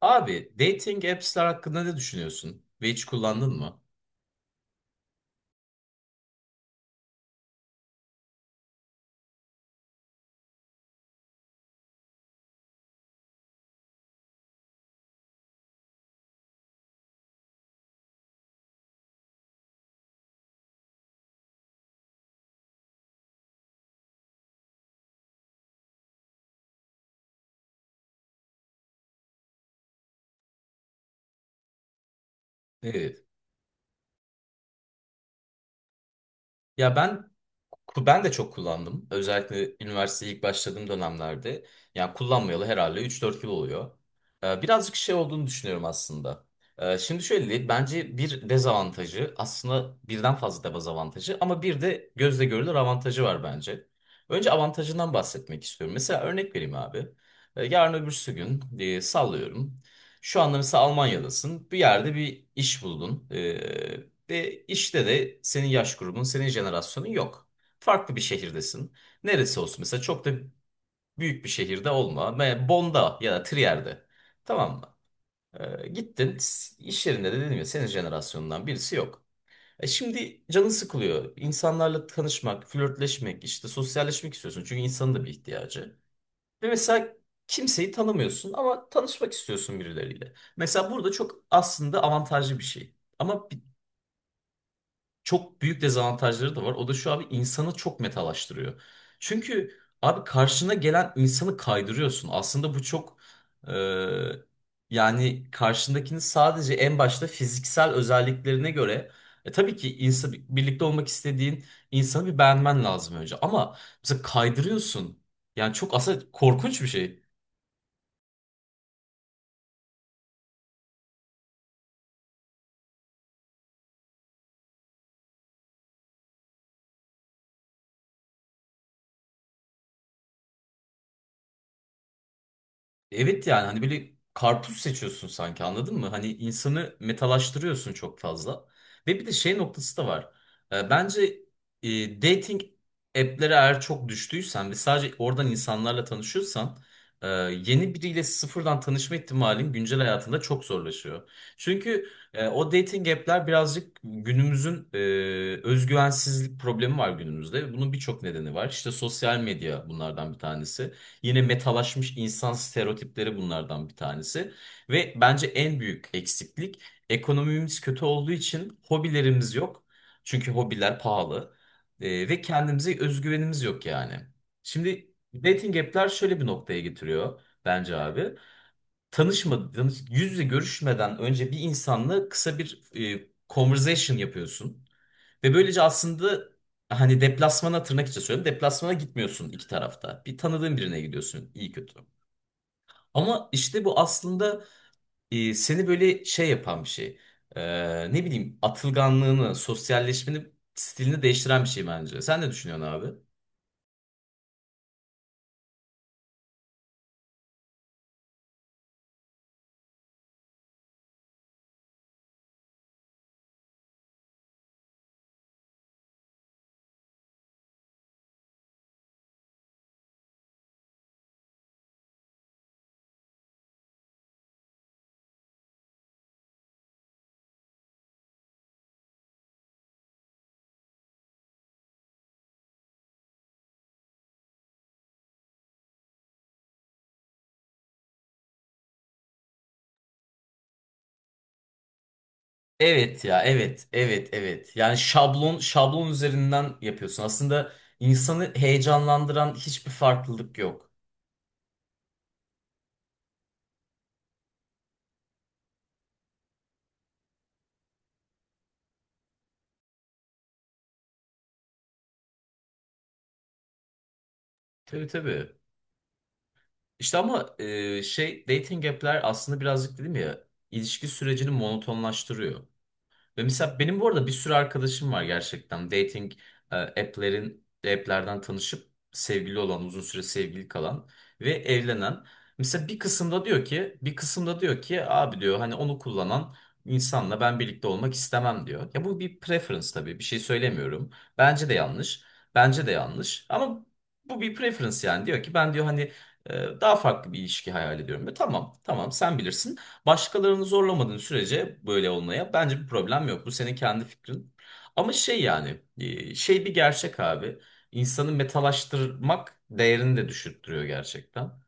Abi dating apps'ler hakkında ne düşünüyorsun? Ve hiç kullandın mı? Ne? Ya ben de çok kullandım. Özellikle üniversiteye ilk başladığım dönemlerde. Yani kullanmayalı herhalde üç dört yıl oluyor. Birazcık şey olduğunu düşünüyorum aslında. Şimdi şöyle diyeyim. Bence bir dezavantajı aslında birden fazla dezavantajı ama bir de gözle görülür avantajı var bence. Önce avantajından bahsetmek istiyorum. Mesela örnek vereyim abi. Yarın öbürsü gün sallıyorum. Şu anda mesela Almanya'dasın. Bir yerde bir iş buldun. Ve işte de senin yaş grubun, senin jenerasyonun yok. Farklı bir şehirdesin. Neresi olsun? Mesela çok da büyük bir şehirde olma. Bond'a ya da Trier'de. Tamam mı? Gittin iş yerinde de dedim ya senin jenerasyonundan birisi yok. E şimdi canın sıkılıyor. İnsanlarla tanışmak, flörtleşmek, işte sosyalleşmek istiyorsun. Çünkü insanın da bir ihtiyacı. Ve mesela kimseyi tanımıyorsun ama tanışmak istiyorsun birileriyle. Mesela burada çok aslında avantajlı bir şey. Ama çok büyük dezavantajları da var. O da şu abi insanı çok metalaştırıyor. Çünkü abi karşına gelen insanı kaydırıyorsun. Aslında bu çok e, yani karşındakini sadece en başta fiziksel özelliklerine göre tabii ki insan, birlikte olmak istediğin insanı bir beğenmen lazım önce. Ama mesela kaydırıyorsun. Yani çok aslında korkunç bir şey. Evet yani hani böyle karpuz seçiyorsun sanki anladın mı? Hani insanı metalaştırıyorsun çok fazla. Ve bir de şey noktası da var. Bence dating app'lere eğer çok düştüysen ve sadece oradan insanlarla tanışıyorsan e, yeni biriyle sıfırdan tanışma ihtimalin güncel hayatında çok zorlaşıyor. Çünkü o dating app'ler birazcık günümüzün özgüvensizlik problemi var günümüzde. Bunun birçok nedeni var. İşte sosyal medya bunlardan bir tanesi. Yine metalaşmış insan stereotipleri bunlardan bir tanesi. Ve bence en büyük eksiklik ekonomimiz kötü olduğu için hobilerimiz yok. Çünkü hobiler pahalı. Ve kendimize özgüvenimiz yok yani. Şimdi dating app'ler şöyle bir noktaya getiriyor bence abi. Tanışmadan, yüz yüze görüşmeden önce bir insanla kısa bir conversation yapıyorsun. Ve böylece aslında hani deplasmana tırnak içi söylüyorum. Deplasmana gitmiyorsun iki tarafta. Bir tanıdığın birine gidiyorsun iyi kötü. Ama işte bu aslında seni böyle şey yapan bir şey. Ne bileyim atılganlığını, sosyalleşmeni, stilini değiştiren bir şey bence. Sen ne düşünüyorsun abi? Evet, evet, evet, evet. Yani şablon üzerinden yapıyorsun. Aslında insanı heyecanlandıran hiçbir farklılık yok. Tabii tabii. İşte ama dating app'ler aslında birazcık dedim ya ilişki sürecini monotonlaştırıyor. Ve mesela benim bu arada bir sürü arkadaşım var gerçekten. Dating e, app'lerin app'lerden tanışıp sevgili olan, uzun süre sevgili kalan ve evlenen. Mesela bir kısımda diyor ki abi diyor hani onu kullanan insanla ben birlikte olmak istemem diyor. Ya bu bir preference tabii. Bir şey söylemiyorum. Bence de yanlış. Bence de yanlış. Ama bu bir preference yani. Diyor ki ben diyor hani daha farklı bir ilişki hayal ediyorum. Ve tamam, tamam sen bilirsin. Başkalarını zorlamadığın sürece böyle olmaya bence bir problem yok. Bu senin kendi fikrin. Ama şey bir gerçek abi. İnsanı metalaştırmak değerini de düşürttürüyor gerçekten.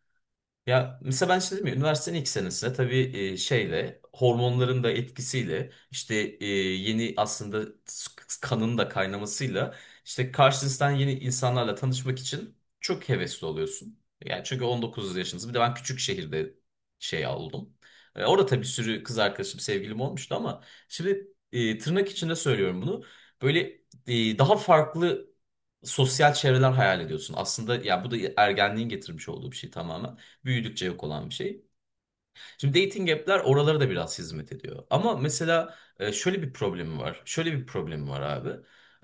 Ya mesela ben işte dedim ya üniversitenin ilk senesinde tabii şeyle hormonların da etkisiyle işte yeni aslında kanın da kaynamasıyla işte karşınızdan yeni insanlarla tanışmak için çok hevesli oluyorsun. Yani çünkü 19 yaşınız bir de ben küçük şehirde şey oldum. Orada tabii bir sürü kız arkadaşım sevgilim olmuştu ama şimdi tırnak içinde söylüyorum bunu. Böyle daha farklı sosyal çevreler hayal ediyorsun. Aslında ya bu da ergenliğin getirmiş olduğu bir şey tamamen büyüdükçe yok olan bir şey. Şimdi dating app'ler oralara da biraz hizmet ediyor. Ama mesela şöyle bir problemi var. Şöyle bir problemi var abi.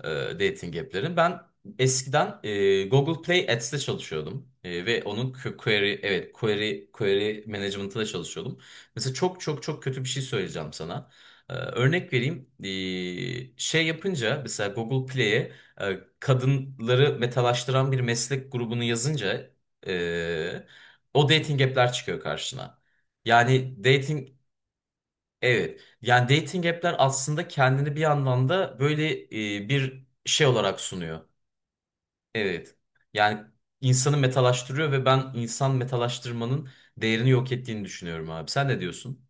e, Dating app'lerin. Ben eskiden Google Play Ads'te çalışıyordum. Ve onun query management'ında çalışıyordum. Mesela çok çok çok kötü bir şey söyleyeceğim sana. Örnek vereyim. Şey yapınca mesela Google Play'e kadınları metalaştıran bir meslek grubunu yazınca e, o dating app'ler çıkıyor karşına. Yani dating, evet. Yani dating app'ler aslında kendini bir anlamda böyle bir şey olarak sunuyor. Evet. Yani insanı metalaştırıyor ve ben insan metalaştırmanın değerini yok ettiğini düşünüyorum abi. Sen ne diyorsun?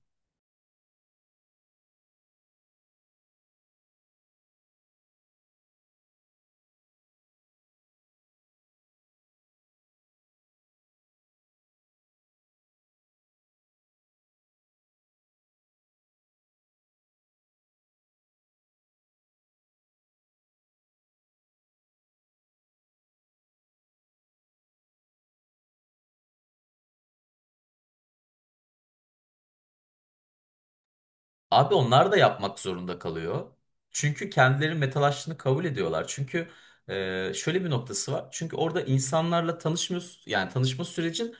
Abi onlar da yapmak zorunda kalıyor. Çünkü kendileri metal aşçını kabul ediyorlar. Çünkü şöyle bir noktası var. Çünkü orada insanlarla tanışmıyorsun. Yani tanışma sürecin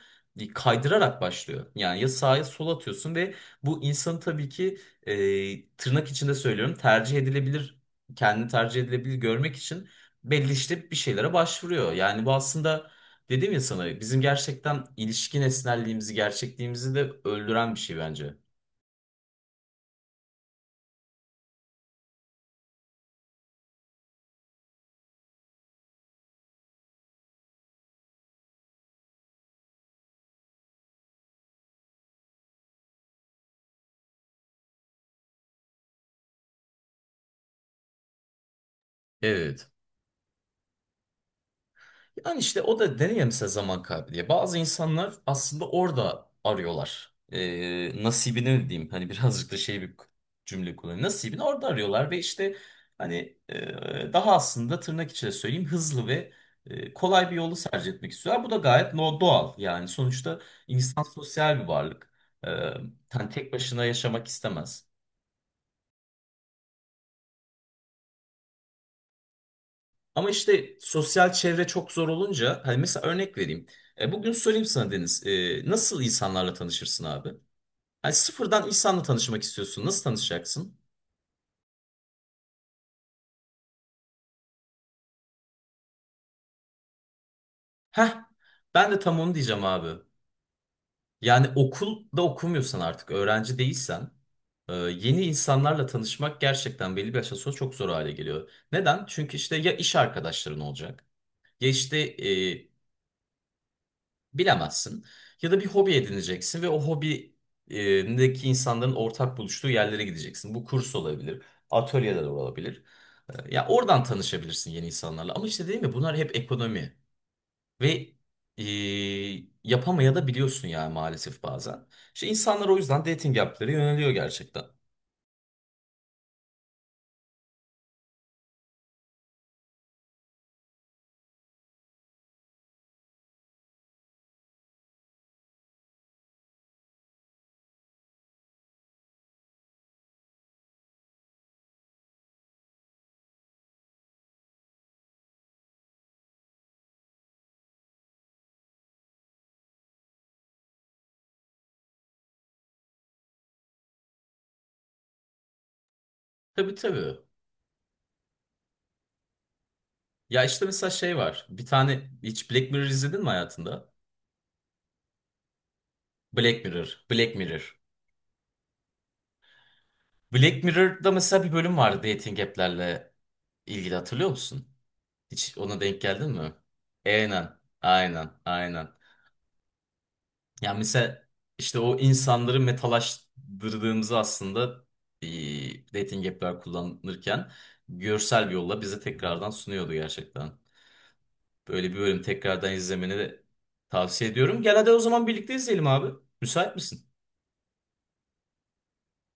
kaydırarak başlıyor. Yani ya sağa ya sola atıyorsun ve bu insanı tabii ki tırnak içinde söylüyorum tercih edilebilir, kendini tercih edilebilir görmek için belli işte bir şeylere başvuruyor. Yani bu aslında dedim ya sana bizim gerçekten ilişki nesnelliğimizi gerçekliğimizi de öldüren bir şey bence. Evet. Yani işte o da denir ya mesela zaman kaybediyor. Bazı insanlar aslında orada arıyorlar. Nasibini diyeyim hani birazcık da şey bir cümle kullanayım. Nasibini orada arıyorlar ve işte hani daha aslında tırnak içinde söyleyeyim hızlı ve kolay bir yolu tercih etmek istiyorlar. Bu da gayet no doğal yani sonuçta insan sosyal bir varlık. Ee, Hani tek başına yaşamak istemez. Ama işte sosyal çevre çok zor olunca hani mesela örnek vereyim. Bugün söyleyeyim sana Deniz. Nasıl insanlarla tanışırsın abi? Hani sıfırdan insanla tanışmak istiyorsun. Nasıl tanışacaksın? Heh, ben de tam onu diyeceğim abi. Yani okulda okumuyorsan artık öğrenci değilsen yeni insanlarla tanışmak gerçekten belli bir yaştan sonra çok zor hale geliyor. Neden? Çünkü işte ya iş arkadaşların olacak ya işte bilemezsin. Ya da bir hobi edineceksin ve o hobideki insanların ortak buluştuğu yerlere gideceksin. Bu kurs olabilir, atölyeler olabilir. Ya oradan tanışabilirsin yeni insanlarla. Ama işte değil mi bunlar hep ekonomi ve e, yapamaya da biliyorsun yani maalesef bazen. İşte insanlar o yüzden dating app'lere yöneliyor gerçekten. Tabii tabii. Ya işte mesela şey var. Bir tane hiç Black Mirror izledin mi hayatında? Black Mirror, Black Mirror. Black Mirror'da mesela bir bölüm vardı dating app'lerle ilgili hatırlıyor musun? Hiç ona denk geldin mi? Aynen, aynen, aynen. Ya mesela işte o insanları metalaştırdığımızı aslında dating app'ler kullanırken görsel bir yolla bize tekrardan sunuyordu gerçekten. Böyle bir bölüm tekrardan izlemeni de tavsiye ediyorum. Gel hadi o zaman birlikte izleyelim abi. Müsait misin?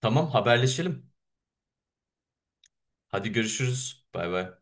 Tamam haberleşelim. Hadi görüşürüz. Bay bay.